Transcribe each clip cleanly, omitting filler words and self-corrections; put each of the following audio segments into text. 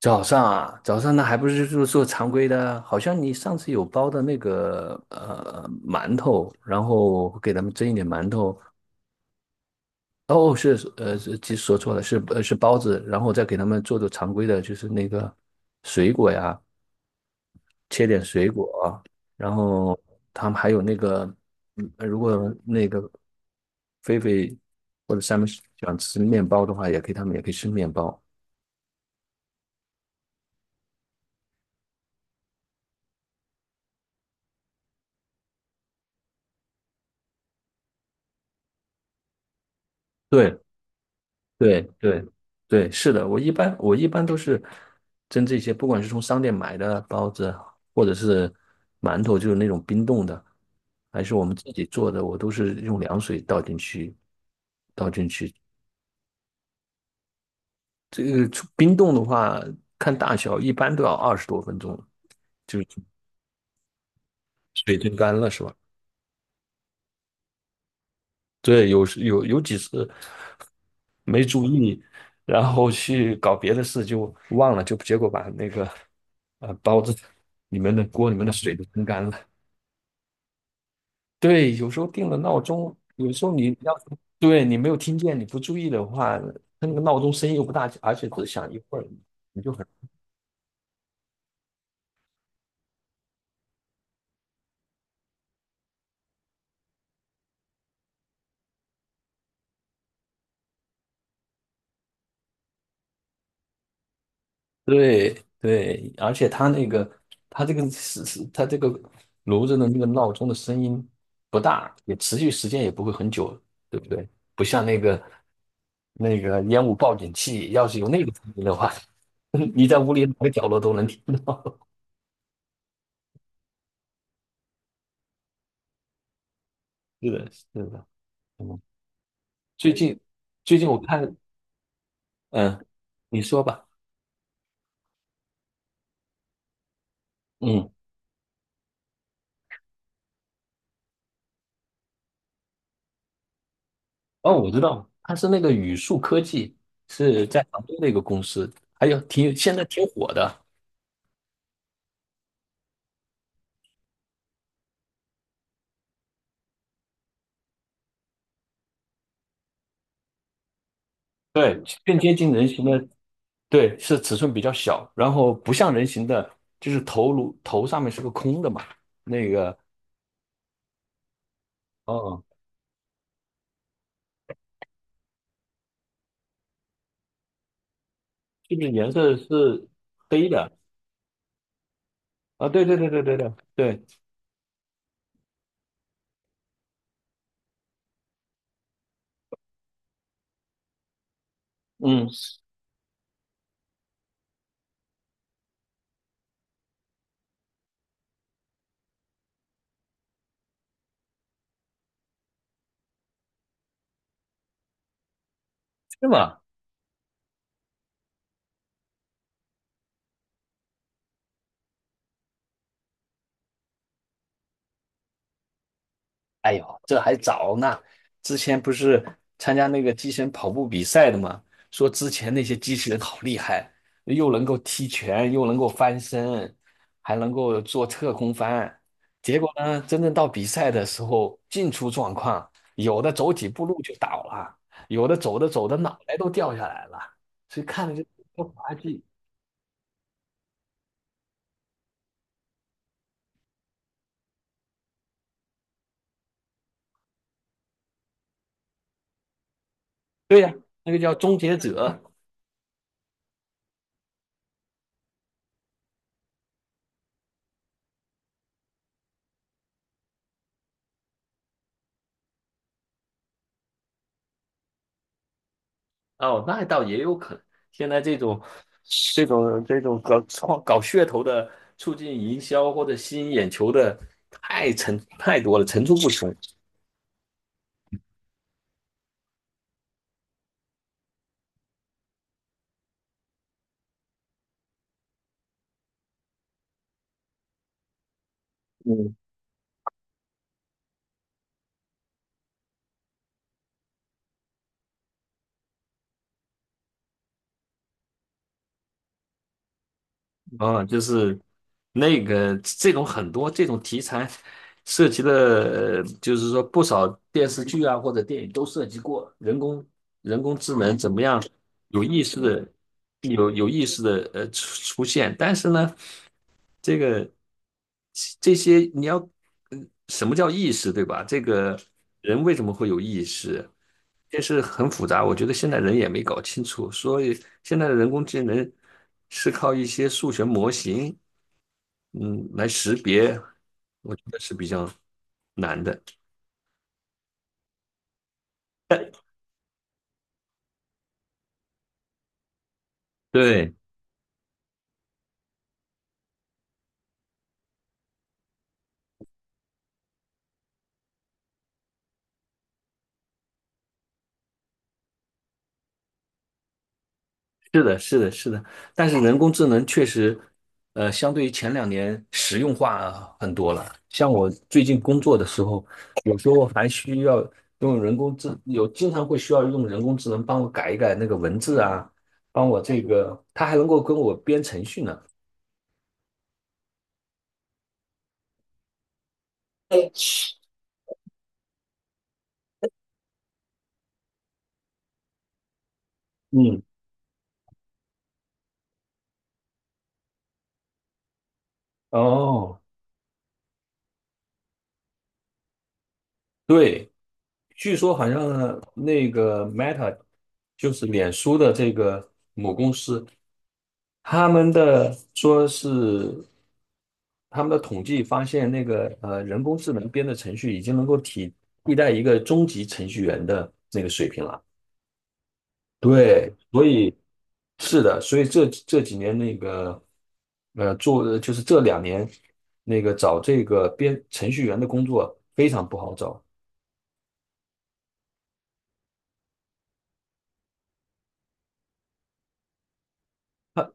早上啊，早上那还不是就做常规的？好像你上次有包的那个馒头，然后给他们蒸一点馒头。哦，其实说错了，是包子，然后再给他们做常规的，就是那个水果呀，切点水果啊。然后他们还有那个，嗯，如果那个菲菲或者山姆喜欢吃面包的话，也可以，他们也可以吃面包。对，对对对，是的，我一般都是蒸这些，不管是从商店买的包子，或者是馒头，就是那种冰冻的，还是我们自己做的，我都是用凉水倒进去。这个出冰冻的话，看大小，一般都要二十多分钟，水蒸干了是吧？对，有时有有几次，你然后去搞别的事就忘了，就结果把那个包子里面的锅里面的水都蒸干了。对，有时候定了闹钟，有时候你要是对你没有听见，你不注意的话，它那个闹钟声音又不大，而且只响一会儿，你就很。对对，而且它那个它这个炉子的那个闹钟的声音不大，也持续时间也不会很久，对不对？不像那个那个烟雾报警器，要是有那个声音的话，你在屋里哪个角落都能听。是的，是的，嗯，最近最近我看，嗯，你说吧。嗯，哦，我知道，它是那个宇树科技，是在杭州的一个公司，还有挺现在挺火的，对，更接近人形的，对，是尺寸比较小，然后不像人形的，就是头上面是个空的嘛，那个，哦，是不是颜色是黑的？啊，对对对对对对对，嗯，是吗？哎呦，这还早呢。之前不是参加那个机器人跑步比赛的吗？说之前那些机器人好厉害，又能够踢拳，又能够翻身，还能够做侧空翻。结果呢，真正到比赛的时候，进出状况，有的走几步路就倒了，有的走着走着脑袋都掉下来了。所以看了就滑稽。对呀、那个叫终结者，哦，那倒也有可能。现在这种、这种、这种搞创、搞噱头的、促进营销或者吸引眼球的，太层太多了，层出不穷。 嗯，啊，就是那个这种很多这种题材涉及的，就是说不少电视剧啊或者电影都涉及过人工智能怎么样有意识的、有意识的出现，但是呢。这个这些你要，嗯什么叫意识，对吧？这个人为什么会有意识，这是很复杂。我觉得现在人也没搞清楚，所以现在的人工智能是靠一些数学模型，嗯，来识别，我觉得是比较难的。对，是的，是的，是的，但是人工智能确实，相对于前两年实用化很多了。像我最近工作的时候，有时候还需要用人工智，有经常会需要用人工智能帮我改一改那个文字啊，帮我这个，它还能够跟我编程序呢。嗯，哦，对，据说好像那个 Meta 就是脸书的这个母公司，他们的统计发现，人工智能编的程序已经能够替代一个中级程序员的那个水平了。对，所以是的，所以这几年那个呃，做就是这两年那个找这个编程序员的工作非常不好找。他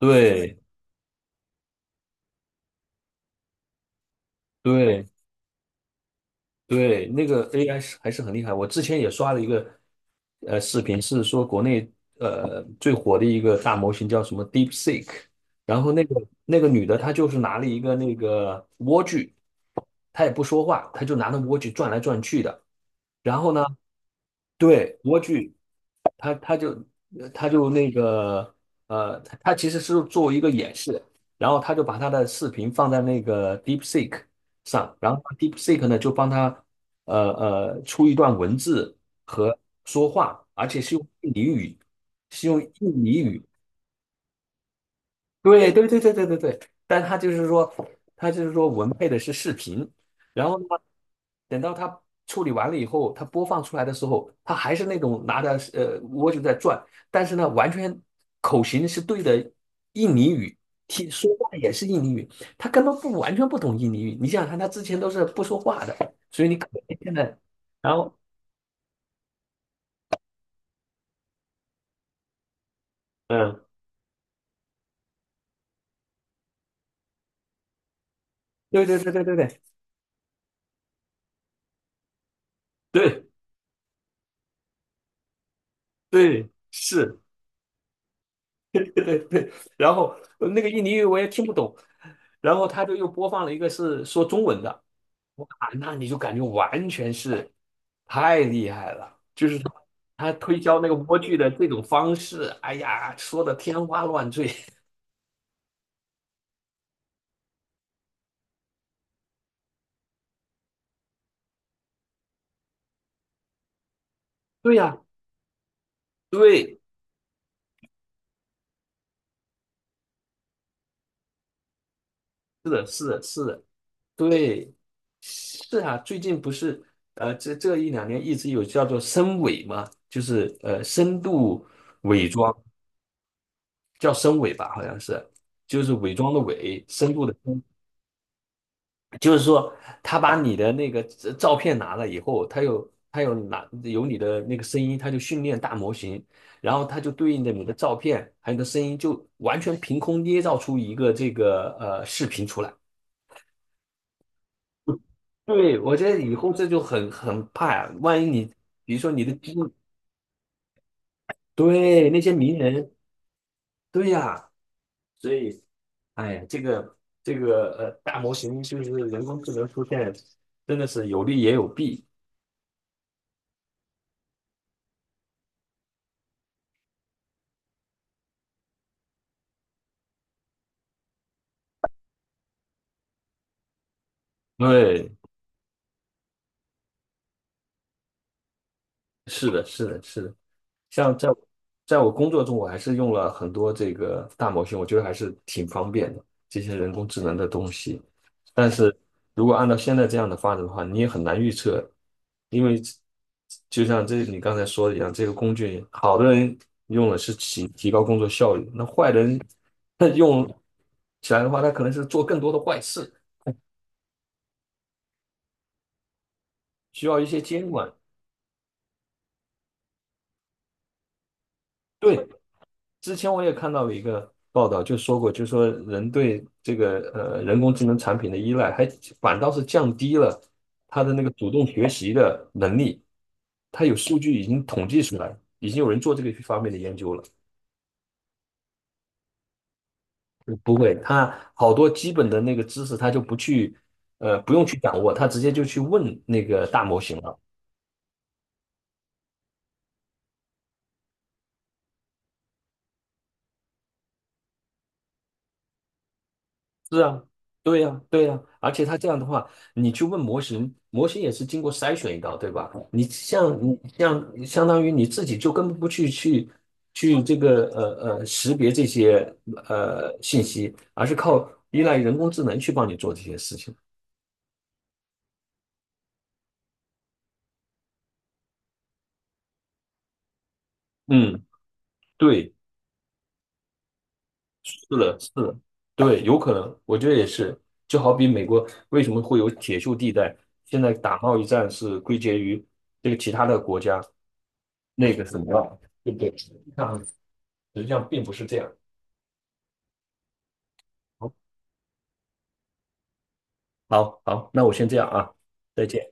对对对，那个 AI 是还是很厉害。我之前也刷了一个视频，是说国内最火的一个大模型叫什么 DeepSeek,然后那个那个女的她就是拿了一个那个莴苣，她也不说话，她就拿那莴苣转来转去的，然后呢，对，莴苣。他他就呃他就那个呃，他他其实是做一个演示，然后他就把他的视频放在那个 DeepSeek 上，然后 DeepSeek 呢就帮他出一段文字和说话，而且是用印尼语，是用印尼语。对对对对对对对，但他就是说，他就是说文配的是视频，然后呢，等到他处理完了以后，他播放出来的时候，他还是那种拿着蜗牛在转，但是呢，完全口型是对的印尼语，听说话也是印尼语，他根本不完全不懂印尼语。你想想看，他之前都是不说话的，所以你可能现在，然后嗯，对对对对对对对对，是。对对对，然后那个印尼语我也听不懂，然后他就又播放了一个是说中文的，哇，那你就感觉完全是太厉害了，就是他他推销那个莴苣的这种方式，哎呀，说的天花乱坠。对呀，对对，是啊，最近不是这这一两年一直有叫做深伪嘛，就是深度伪装，叫深伪吧，好像是，就是伪装的伪，深度的深。就是说，他把你的那个照片拿了以后，他有拿有你的那个声音，他就训练大模型，然后他就对应着你的照片还有你的声音，就完全凭空捏造出一个这个视频出来。对，我觉得以后这就很很怕呀，万一你比如说你的基因对那些名人，对呀，所以哎呀，这个大模型就是人工智能出现，真的是有利也有弊。对，是的，是的，是的。像在我在我工作中，我还是用了很多这个大模型，我觉得还是挺方便的，这些人工智能的东西。但是如果按照现在这样的发展的话，你也很难预测，因为就像这你刚才说的一样，这个工具好的人用了是提高工作效率，那坏人他用起来的话，他可能是做更多的坏事，需要一些监管。对，之前我也看到了一个报道，就说过，就说人对这个人工智能产品的依赖，还反倒是降低了他的那个主动学习的能力。他有数据已经统计出来，已经有人做这个方面的研究了。不会，他好多基本的那个知识，他就不去不用去掌握，他直接就去问那个大模型了。是啊，对呀，对呀，而且他这样的话，你去问模型，模型也是经过筛选一道，对吧？你像你像相当于你自己就根本不去去去这个识别这些信息，而是靠依赖人工智能去帮你做这些事情。嗯，对，是的，是的，对，有可能，我觉得也是。就好比美国为什么会有铁锈地带，现在打贸易战是归结于这个其他的国家那个什么，对不对？实际上并不是这样。好，好，好，那我先这样啊，再见。